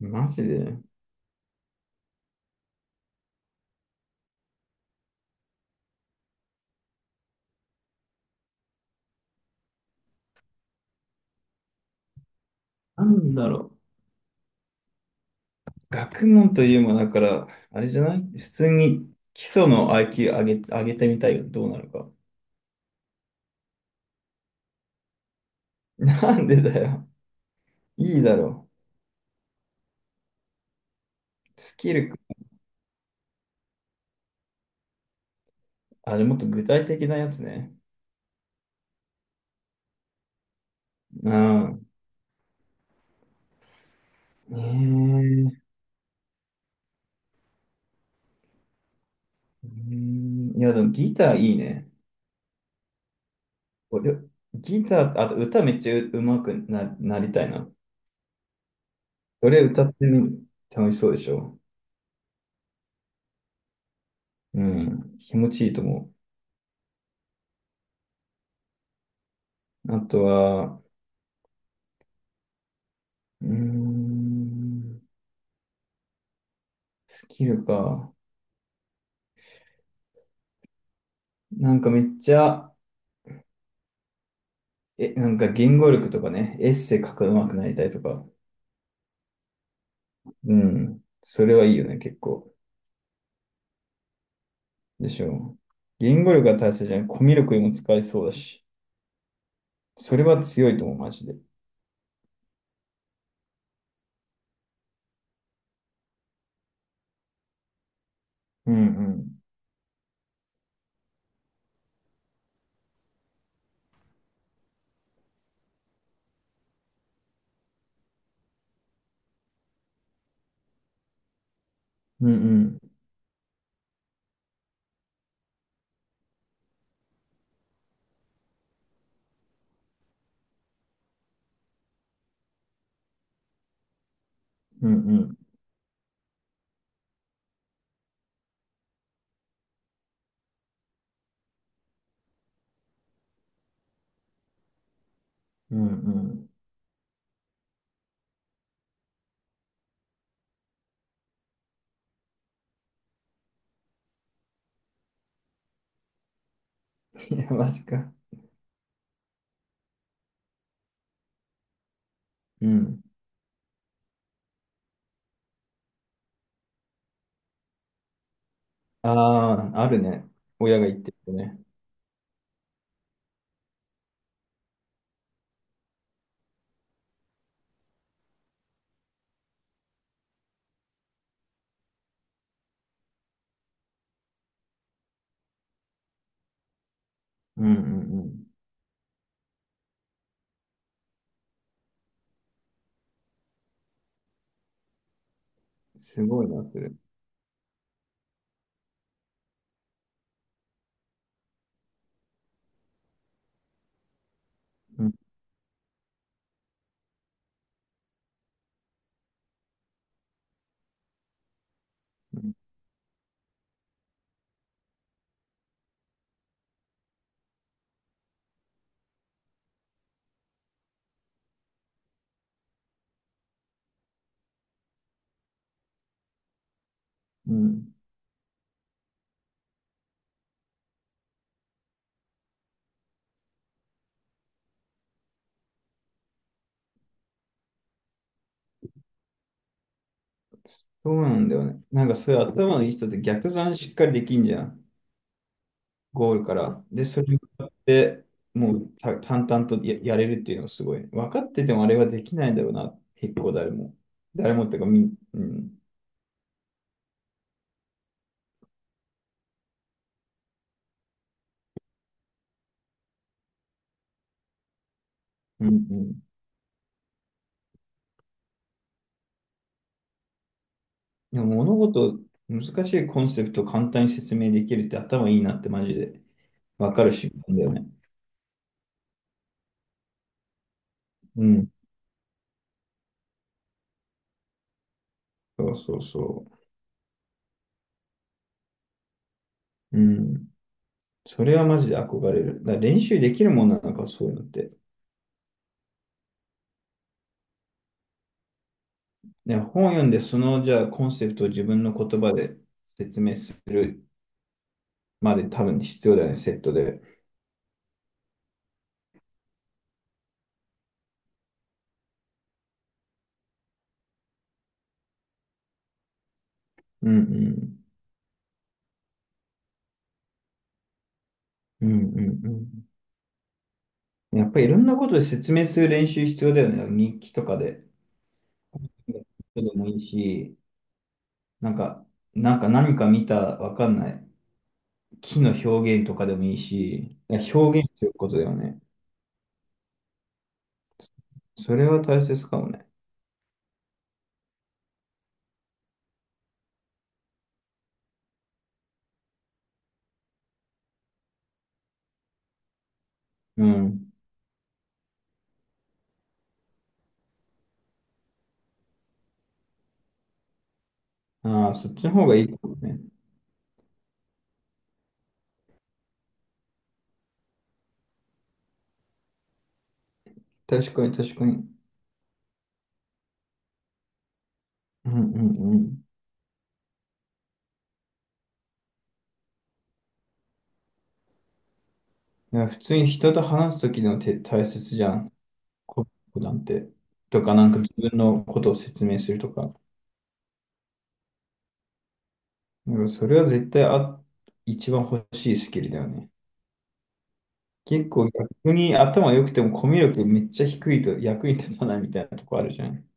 マジで。なんだろう。学問というもだから、あれじゃない普通に基礎の IQ 上げてみたいがどうなるか。なんでだよ。いいだろう。スキルか、あれもっと具体的なやつね。うん。えー、うーん。いや、でもギターいいね。俺、ギター、あと歌めっちゃう、うまくなりたいな。それ歌ってみる。楽しそうでしょ。うん。気持ちいいと思う。あとは、うーん。スキルか。なんかめっちゃ、なんか言語力とかね、エッセイ書くの上手くなりたいとか。うん。それはいいよね、結構。でしょう。言語力が大切じゃない。コミュ力にも使えそうだし。それは強いと思う、マジで。うんうん。うんうん。うんうん。うんうん。いや、マジか。うん。ああ、あるね。親が言ってるね。うんうんうん。すごいな、それ。うんうん。うん。そうなんだよね。なんかそういう頭のいい人って逆算しっかりできんじゃん。ゴールから。で、それでもうた淡々とやれるっていうのがすごいね。分かっててもあれはできないだろうな。結構誰も。誰もっていうか、うん。うんうん。でも物事、難しいコンセプトを簡単に説明できるって頭いいなってマジで分かる瞬間だよね。うん。そうそうそう。うん。それはマジで憧れる。だから練習できるもんなのか、そういうのって。ね、本を読んで、その、じゃあ、コンセプトを自分の言葉で説明するまで多分必要だよね、セットで。うんうん。うんうんうん。やっぱりいろんなことで説明する練習必要だよね。日記とかで。でもいいし、なんか、なんか何か見た、わかんない。木の表現とかでもいいし、いや表現することだよね。それは大切かもね。うん。ああ、そっちの方がいいかもね。確かに、確かに。うんうんうん。いや普通に人と話すときのて大切じゃん。こなんて。とか、なんか自分のことを説明するとか。なんかそれは絶対一番欲しいスキルだよね。結構逆に頭良くてもコミュ力めっちゃ低いと役に立たないみたいなとこあるじゃん。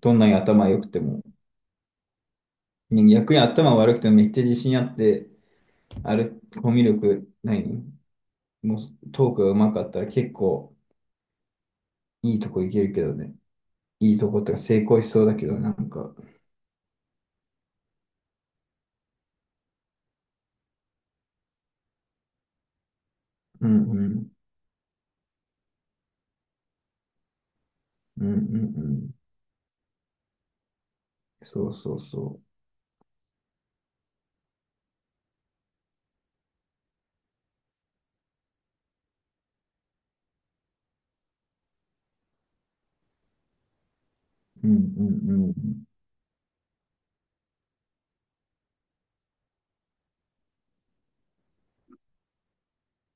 どんなに頭良くても。ね。逆に頭悪くてもめっちゃ自信あって、あれ、コミュ力ないのもうトークが上手かったら結構いいとこいけるけどね。いいとこってか成功しそうだけど、なんか。うんうんうんうんうん。そうそうそう。うんうんうん。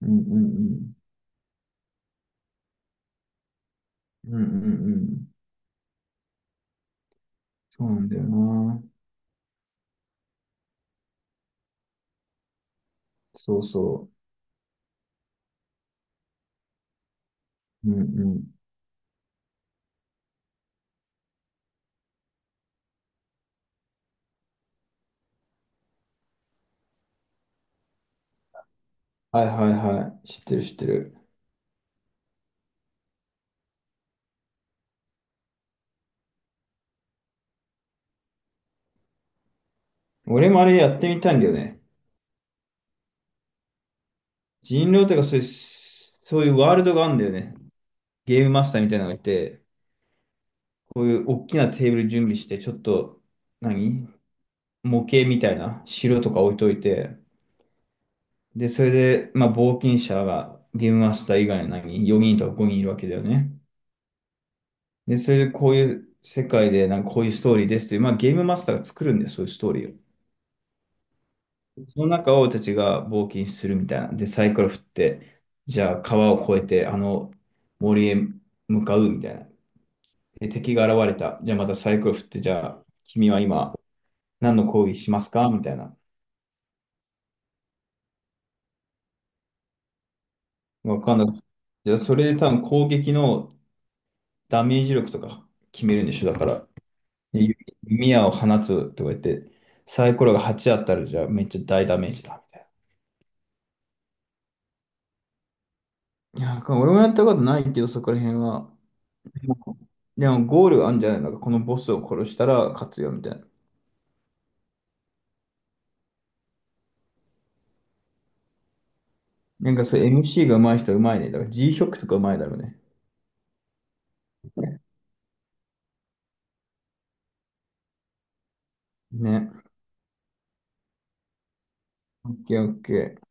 うんうんうん。うんうんうん。そうなんだよな。そうそう。うんうん。はいはいはい。知ってる知ってる。俺もあれやってみたいんだよね。人狼とかそういうワールドがあるんだよね。ゲームマスターみたいなのがいて、こういう大きなテーブル準備して、ちょっと、何模型みたいな城とか置いといて、で、それで、まあ、冒険者がゲームマスター以外の何 ?4 人とか5人いるわけだよね。で、それでこういう世界で、なんかこういうストーリーですという、まあゲームマスターが作るんで、そういうストーリーを。その中を俺たちが冒険するみたいな。で、サイコロ振って、じゃあ川を越えて、あの森へ向かうみたいな。で、敵が現れた。じゃあまたサイコロ振って、じゃあ君は今何の攻撃しますかみたいな。わかんない。じゃあそれで多分攻撃のダメージ力とか決めるんでしょ、だから。で、弓矢を放つとか言って、サイコロが8あったら、じゃあめっちゃ大ダメージだ。いや、俺もやったことないけど、そこら辺は。でも、ゴールあんじゃないのか、このボスを殺したら勝つよ、みたいな。なんかそう、MC が上手い人は上手いね。だから G ショックとか上手いだろうね。ね。オッケーオッケー。